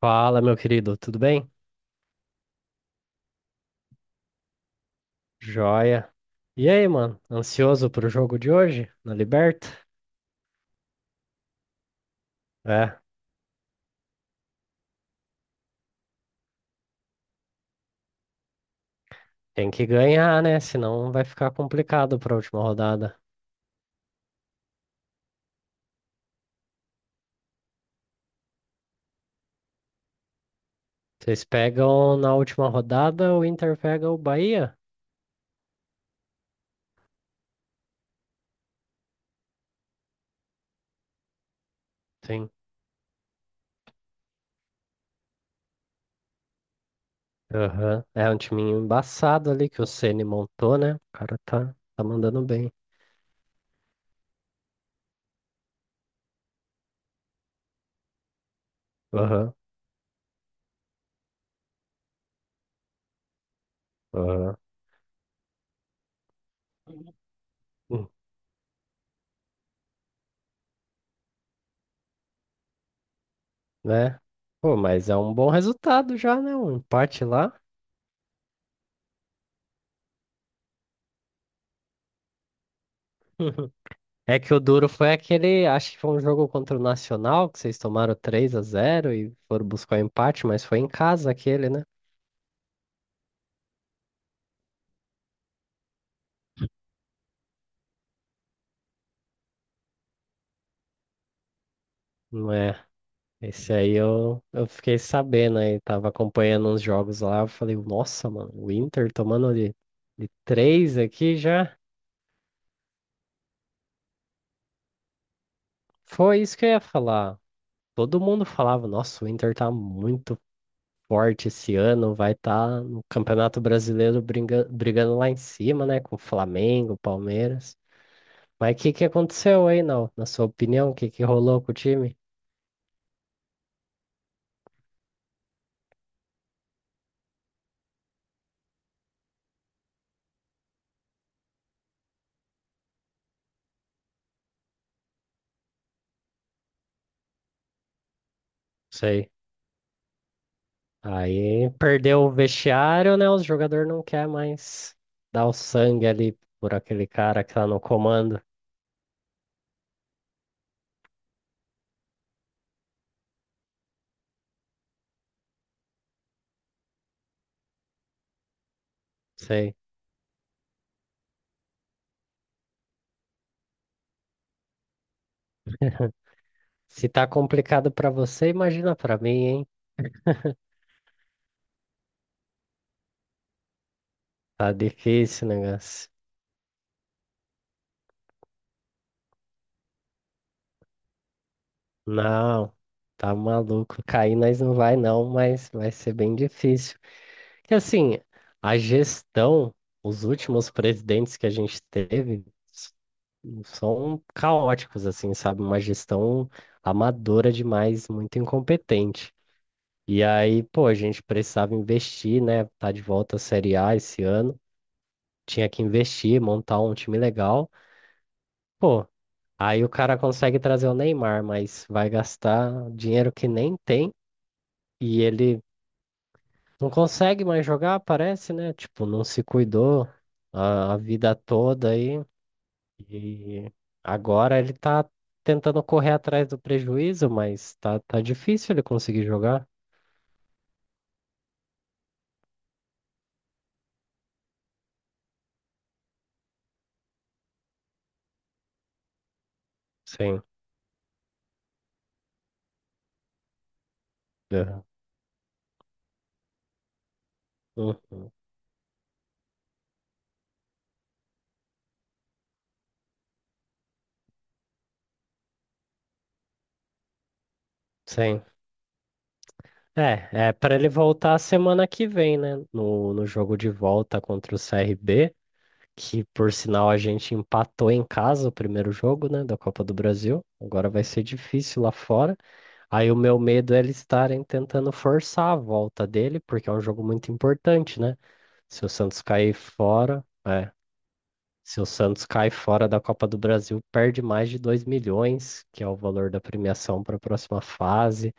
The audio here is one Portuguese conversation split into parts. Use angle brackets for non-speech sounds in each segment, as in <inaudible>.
Fala, meu querido, tudo bem? Joia. E aí, mano? Ansioso pro jogo de hoje, na Liberta? É, tem que ganhar, né? Senão vai ficar complicado pra última rodada. Vocês pegam na última rodada, o Inter pega o Bahia? Sim. Aham. É um timinho embaçado ali que o Ceni montou, né? O cara tá mandando bem. Aham, aham. Hum, né? Pô, mas é um bom resultado já, né? Um empate lá. <laughs> É que o duro foi aquele, acho que foi um jogo contra o Nacional, que vocês tomaram 3 a zero e foram buscar o empate, mas foi em casa aquele, né? Não é. Esse aí eu fiquei sabendo aí, tava acompanhando uns jogos lá, eu falei, nossa, mano, o Inter tomando de três aqui já. Foi isso que eu ia falar. Todo mundo falava, nossa, o Inter tá muito forte esse ano, vai estar no Campeonato Brasileiro brigando, brigando lá em cima, né? Com o Flamengo, Palmeiras. Mas o que que aconteceu aí, não? Na sua opinião, o que que rolou com o time? Sei. Aí perdeu o vestiário, né? Os jogadores não querem mais dar o sangue ali por aquele cara que tá no comando. Sei. Se tá complicado pra você, imagina pra mim, hein? Tá difícil o negócio. Não, tá maluco. Cair nós não vai não, mas vai ser bem difícil. Que assim, a gestão, os últimos presidentes que a gente teve, são caóticos, assim, sabe? Uma gestão amadora demais, muito incompetente. E aí, pô, a gente precisava investir, né? Tá de volta à Série A esse ano. Tinha que investir, montar um time legal. Pô, aí o cara consegue trazer o Neymar, mas vai gastar dinheiro que nem tem e ele não consegue mais jogar, parece, né? Tipo, não se cuidou a vida toda aí. E agora ele tá tentando correr atrás do prejuízo, mas tá difícil ele conseguir jogar. Sim. É. Uhum. Sim. É, é para ele voltar semana que vem, né? No jogo de volta contra o CRB, que por sinal a gente empatou em casa o primeiro jogo, né, da Copa do Brasil. Agora vai ser difícil lá fora. Aí o meu medo é eles estarem tentando forçar a volta dele, porque é um jogo muito importante, né? Se o Santos cair fora. É, se o Santos cai fora da Copa do Brasil, perde mais de 2 milhões, que é o valor da premiação para a próxima fase.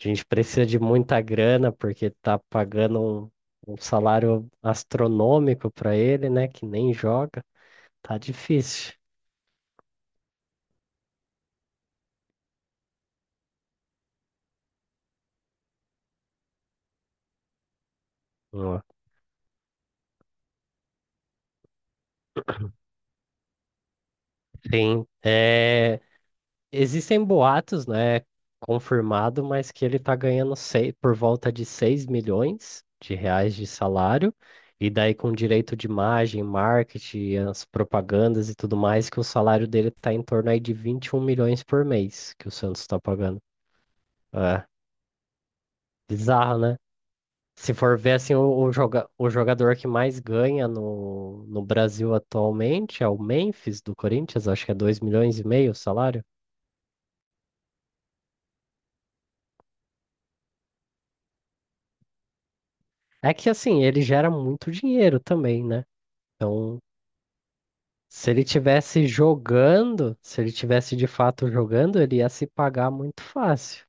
A gente precisa de muita grana, porque está pagando um salário astronômico para ele, né? Que nem joga. Tá difícil. Ó, sim. É. Existem boatos, né, confirmado, mas que ele está ganhando por volta de R$ 6 milhões de salário, e daí com direito de imagem, marketing, as propagandas e tudo mais, que o salário dele está em torno aí de 21 milhões por mês que o Santos está pagando. É, bizarro, né? Se for ver assim, o jogador que mais ganha no Brasil atualmente é o Memphis do Corinthians, acho que é 2,5 milhões o salário. É que assim, ele gera muito dinheiro também, né? Então, se ele tivesse jogando, se ele tivesse de fato jogando, ele ia se pagar muito fácil.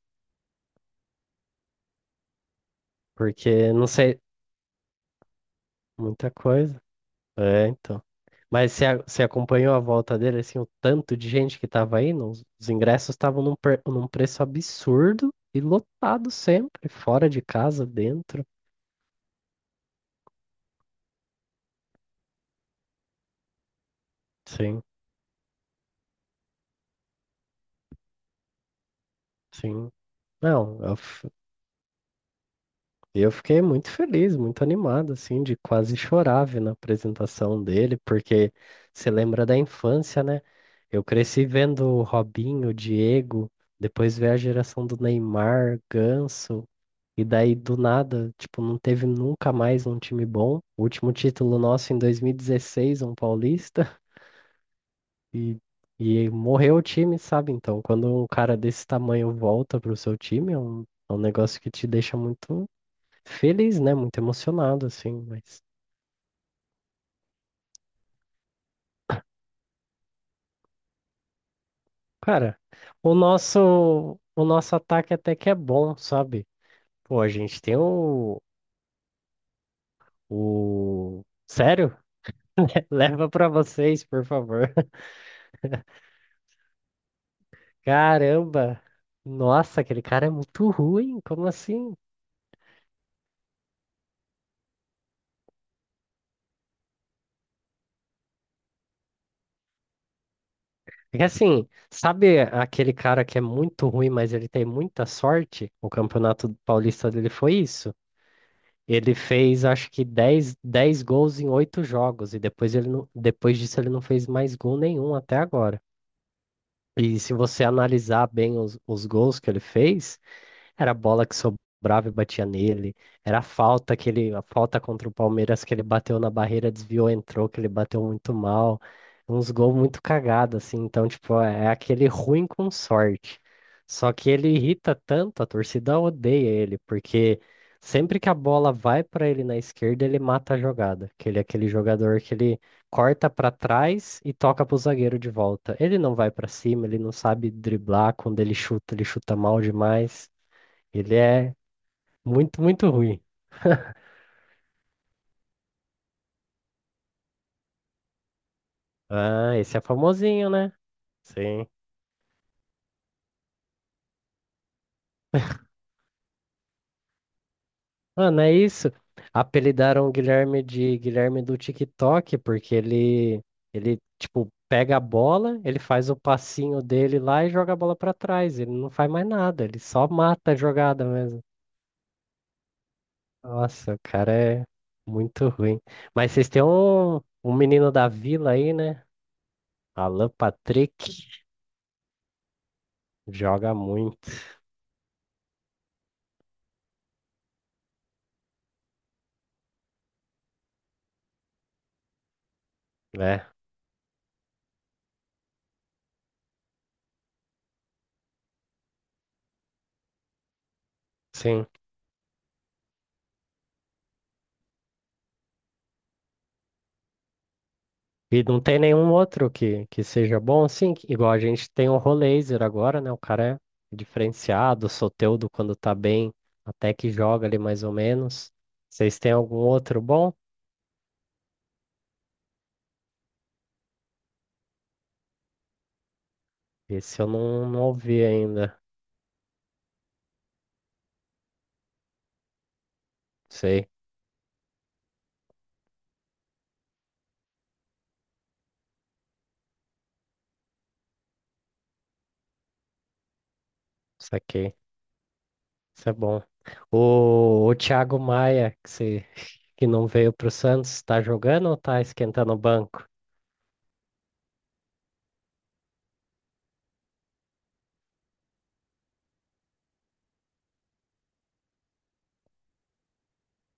Porque, não sei, muita coisa. É, então. Mas você, você acompanhou a volta dele, assim, o tanto de gente que tava aí, os ingressos estavam num, num preço absurdo e lotado sempre, fora de casa, dentro. Sim, sim. Não, e eu fiquei muito feliz, muito animado, assim, de quase chorar vendo a apresentação dele, porque você lembra da infância, né? Eu cresci vendo o Robinho, o Diego, depois ver a geração do Neymar, Ganso, e daí do nada, tipo, não teve nunca mais um time bom. O último título nosso em 2016, um paulista, <laughs> e, e morreu o time, sabe? Então, quando um cara desse tamanho volta pro seu time, é um negócio que te deixa muito feliz, né? Muito emocionado, assim, mas, cara, o nosso ataque até que é bom, sabe? Pô, a gente tem o... Sério? <laughs> Leva pra vocês, por favor. <laughs> Caramba! Nossa, aquele cara é muito ruim, como assim? É que assim, sabe aquele cara que é muito ruim, mas ele tem muita sorte? O Campeonato Paulista dele foi isso? Ele fez acho que 10 gols em 8 jogos, e depois, ele não, depois disso ele não fez mais gol nenhum até agora. E se você analisar bem os gols que ele fez, era a bola que sobrava e batia nele. Era a falta que ele, a falta contra o Palmeiras que ele bateu na barreira, desviou, entrou, que ele bateu muito mal. Uns gols muito cagados, assim. Então, tipo, é aquele ruim com sorte. Só que ele irrita tanto, a torcida odeia ele, porque sempre que a bola vai para ele na esquerda, ele mata a jogada. Que ele é aquele jogador que ele corta para trás e toca pro zagueiro de volta. Ele não vai para cima, ele não sabe driblar, quando ele chuta mal demais. Ele é muito ruim. Ah, esse é famosinho, né? Sim. Mano, é isso. Apelidaram o Guilherme de Guilherme do TikTok, porque ele, tipo, pega a bola, ele faz o passinho dele lá e joga a bola pra trás. Ele não faz mais nada, ele só mata a jogada mesmo. Nossa, o cara é muito ruim. Mas vocês têm um, um menino da vila aí, né? Alan Patrick joga muito, né? Sim. E não tem nenhum outro que seja bom, assim, que- igual a gente tem o Rolaser agora, né? O cara é diferenciado, o Soteldo quando tá bem, até que joga ali mais ou menos. Vocês têm algum outro bom? Esse eu não ouvi ainda. Sei, isso aqui. Isso é bom. O Thiago Maia, que, se, <laughs> que não veio pro Santos, tá jogando ou tá esquentando o banco?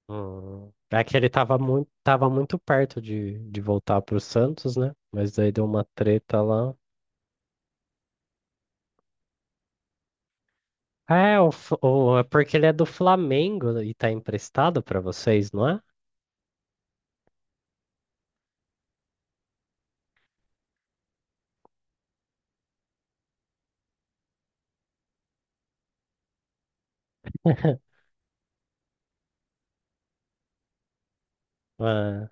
Hum. É que ele tava muito perto de voltar pro Santos, né? Mas daí deu uma treta lá. É, o, é porque ele é do Flamengo e tá emprestado pra vocês, não é? <laughs> Ah,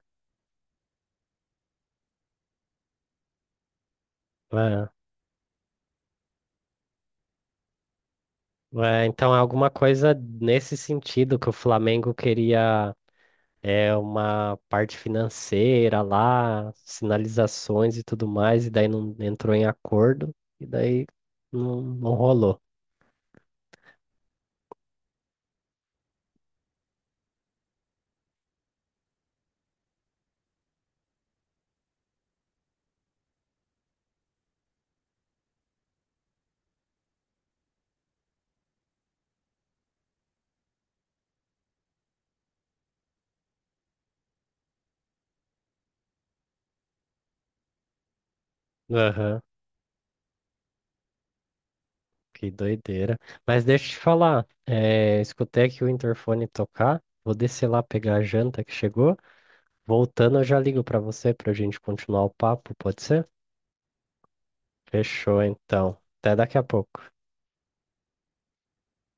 ah, ah, então é alguma coisa nesse sentido que o Flamengo queria é uma parte financeira lá, sinalizações e tudo mais, e daí não entrou em acordo, e daí não rolou. Aham, que doideira. Mas deixa eu te falar, é, escutei aqui o interfone tocar, vou descer lá pegar a janta que chegou. Voltando, eu já ligo para você para a gente continuar o papo, pode ser? Fechou, então. Até daqui a pouco.